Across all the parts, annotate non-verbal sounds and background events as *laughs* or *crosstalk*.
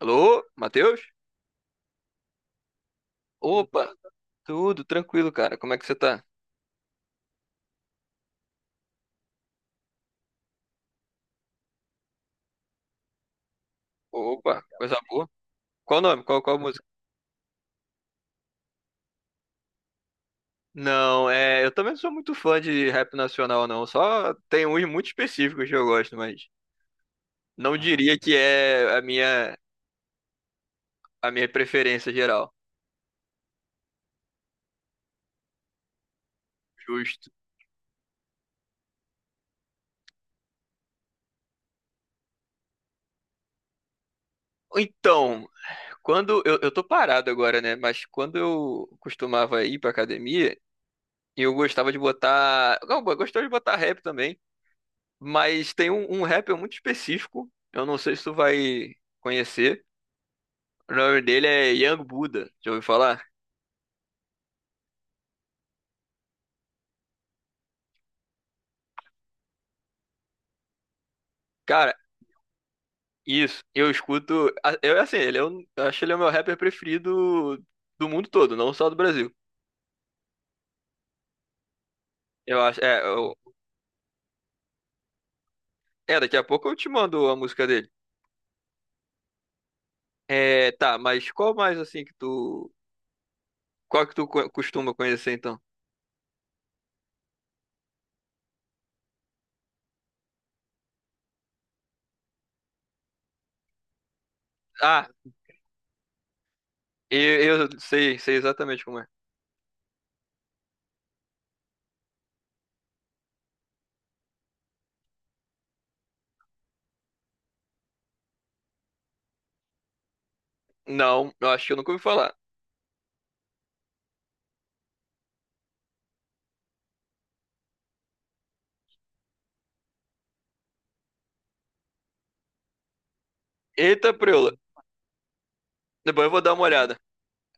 Alô, Matheus? Opa, tudo tranquilo, cara. Como é que você tá? Opa, coisa boa. Qual o nome? Qual a música? Não, eu também não sou muito fã de rap nacional, não. Só tem uns muito específicos que eu gosto, mas não diria que é a minha preferência geral. Justo. Então, quando eu tô parado agora, né? Mas quando eu costumava ir pra academia, eu gostava de botar. Não, eu gostava de botar rap também. Mas tem um rapper muito específico. Eu não sei se tu vai conhecer. O nome dele é Young Buddha. Já ouviu falar? Cara, isso. Eu escuto. Eu, assim, eu acho ele é o meu rapper preferido do mundo todo, não só do Brasil. Eu acho. Daqui a pouco eu te mando a música dele. É, tá, mas qual mais assim que tu. Qual que tu costuma conhecer então? Ah, eu sei exatamente como é. Não, eu acho que eu nunca ouvi falar. Eita, preula. Depois eu vou dar uma olhada.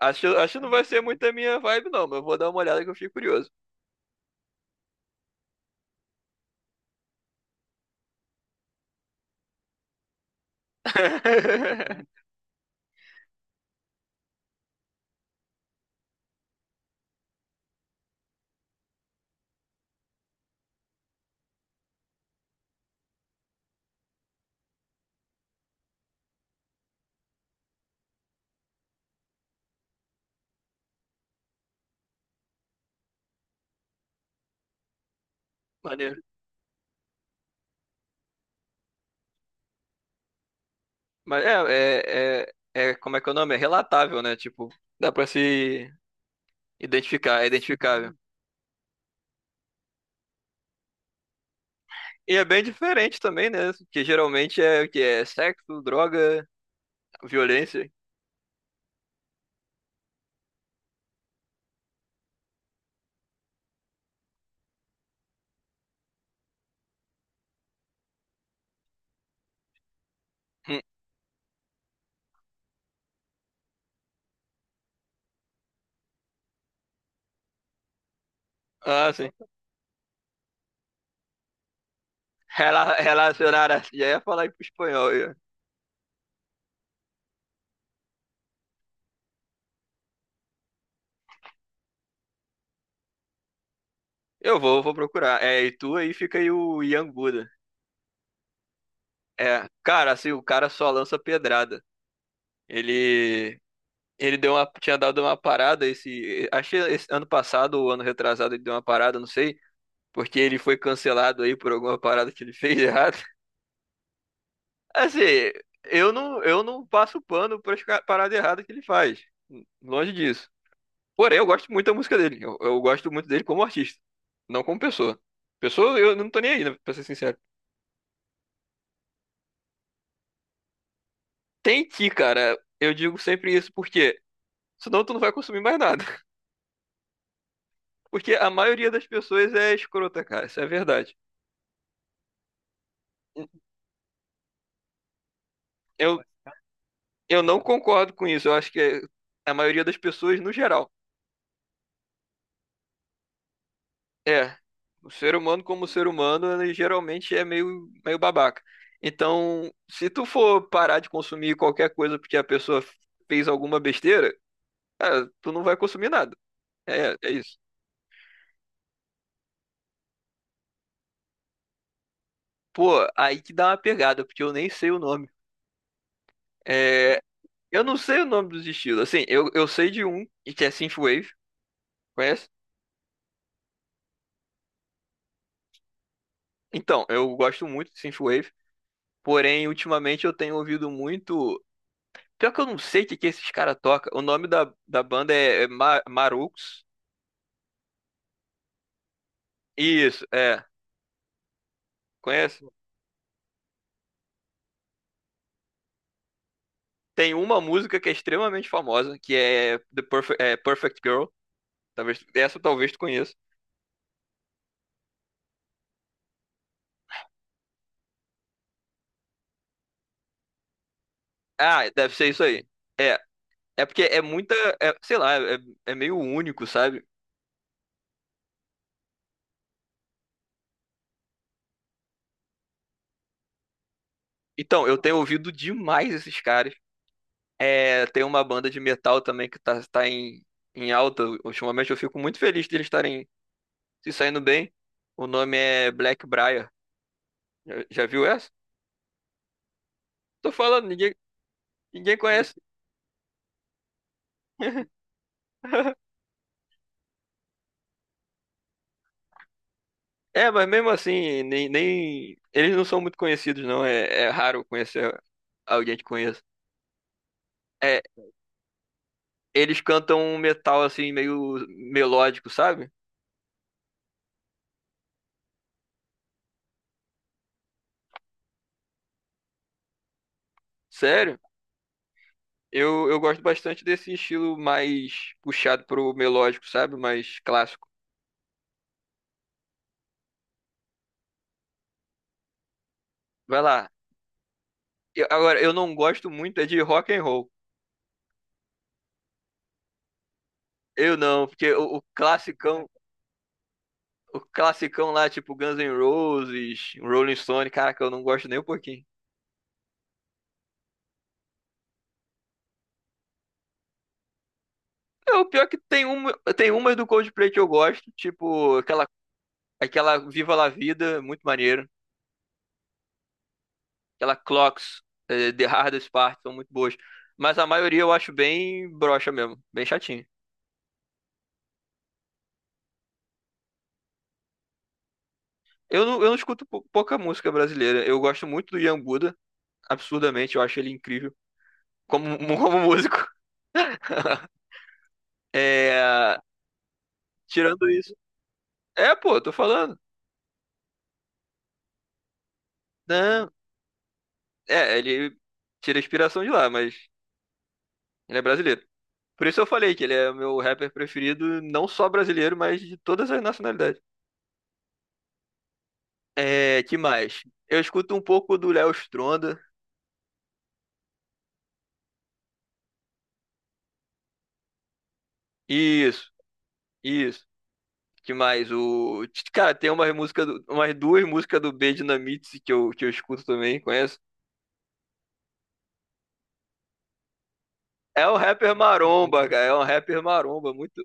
Acho que não vai ser muito a minha vibe, não, mas eu vou dar uma olhada que eu fiquei curioso. *laughs* Maneiro. Mas como é que é o nome? É relatável, né? Tipo, dá pra se identificar, é identificável. E é bem diferente também, né? Que geralmente é o que é sexo, droga, violência. Hum. Ah, sim. Relacionar assim. Já ia falar em espanhol. Eu vou procurar. É, e tu aí fica aí o Ian Buda. É, cara, assim, o cara só lança pedrada. Ele Ele deu uma, tinha dado uma parada esse, acho que esse ano passado ou ano retrasado ele deu uma parada, não sei, porque ele foi cancelado aí por alguma parada que ele *laughs* fez errado. Assim, eu não passo pano para as paradas erradas que ele faz, longe disso. Porém, eu gosto muito da música dele. Eu gosto muito dele como artista, não como pessoa. Pessoa, eu não tô nem aí, né, pra ser sincero. Tem que, cara, eu digo sempre isso porque senão tu não vai consumir mais nada. *laughs* Porque a maioria das pessoas é escrota, cara, isso é verdade. Eu Eu não concordo com isso. Eu acho que é, a maioria das pessoas, no geral, é. O ser humano, como ser humano, ele geralmente é meio babaca. Então, se tu for parar de consumir qualquer coisa porque a pessoa fez alguma besteira, cara, tu não vai consumir nada. É, é isso. Pô, aí que dá uma pegada, porque eu nem sei o nome. É, eu não sei o nome dos estilos. Assim, eu sei de um, que é Synthwave, conhece? Então, eu gosto muito de Synthwave, porém, ultimamente eu tenho ouvido muito. Pior que eu não sei o que, que esses caras tocam. O nome da banda é Marux. Isso, é. Conhece? Tem uma música que é extremamente famosa, que é Perfect Girl. Talvez, essa talvez tu conheça. Ah, deve ser isso aí. É. É porque é muita. é, sei lá, é, é meio único, sabe? Então, eu tenho ouvido demais esses caras. É, tem uma banda de metal também que tá em, em alta ultimamente. Eu fico muito feliz de eles estarem se saindo bem. O nome é Black Briar. Já viu essa? Tô falando, ninguém conhece. *laughs* É, mas mesmo assim, eles não são muito conhecidos, não. É, é raro conhecer alguém que conheça. É, eles cantam um metal assim, meio melódico, sabe? Sério? Eu gosto bastante desse estilo mais puxado pro melódico, sabe? Mais clássico. Vai lá. Agora, eu não gosto muito é de rock and roll. Eu não, porque o classicão lá, tipo Guns N' Roses, Rolling Stone, caraca, eu não gosto nem um pouquinho. É, o pior é que tem umas do Coldplay que eu gosto, tipo aquela, aquela Viva La Vida, muito maneiro. Aquela Clocks, eh, The Hardest Part, são muito boas. Mas a maioria eu acho bem broxa mesmo, bem chatinho. Eu não escuto pouca música brasileira. Eu gosto muito do Ian Buda, absurdamente, eu acho ele incrível como músico. *laughs* É, tirando isso. É, pô, tô falando. É, ele tira inspiração de lá, mas ele é brasileiro. Por isso eu falei que ele é meu rapper preferido, não só brasileiro, mas de todas as nacionalidades. É, que mais? Eu escuto um pouco do Léo Stronda. Isso, isso. Que mais? O cara tem uma música, umas duas músicas do B Dinamite que eu escuto também, conheço. É um rapper maromba, cara. É um rapper maromba, muito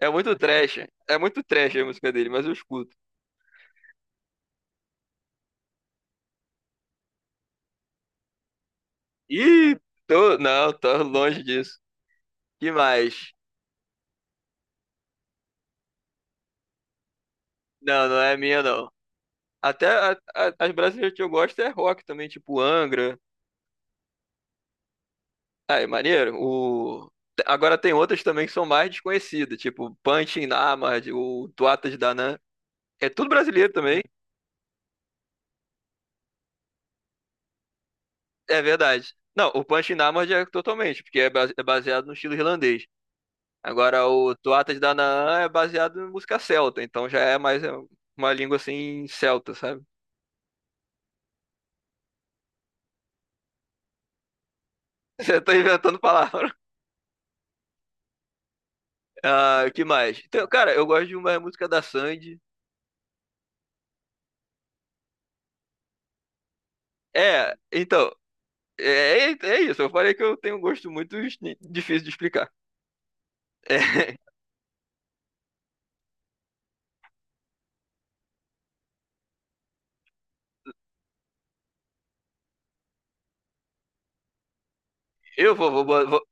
é muito trash. É muito trash a música dele, mas eu escuto. Ih, tô, não, tô longe disso. Que mais? Não, não é minha, não. Até as brasileiras que eu gosto é rock também, tipo Angra. Ai, maneiro. Agora tem outras também que são mais desconhecidas, tipo Punch in Namard, o Tuatas Danann. É tudo brasileiro também, é verdade. Não, o Punch in Namard é totalmente, porque é é baseado no estilo irlandês. Agora, o Tuatas Danann é baseado em música celta, então já é uma língua assim celta, sabe? *laughs* Você tá inventando palavra. Ah, que mais? Então, cara, eu gosto de uma música da Sandy. É, então, é, é isso. Eu falei que eu tenho um gosto muito difícil de explicar. É, *laughs* eu vou, vou, vou, vou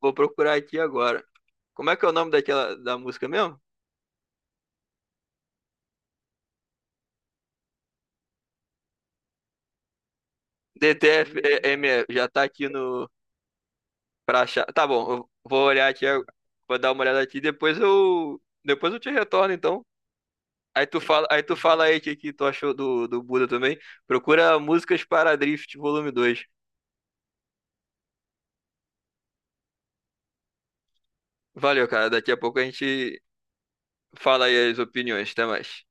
vou procurar aqui agora. Como é que é o nome daquela da música mesmo? DTFM já tá aqui no pra achar. Tá bom, eu vou olhar aqui, vou dar uma olhada aqui, depois eu te retorno então. Aí tu fala aí o que, que tu achou do Buda também. Procura Músicas para Drift, volume 2. Valeu, cara. Daqui a pouco a gente fala aí as opiniões. Até mais.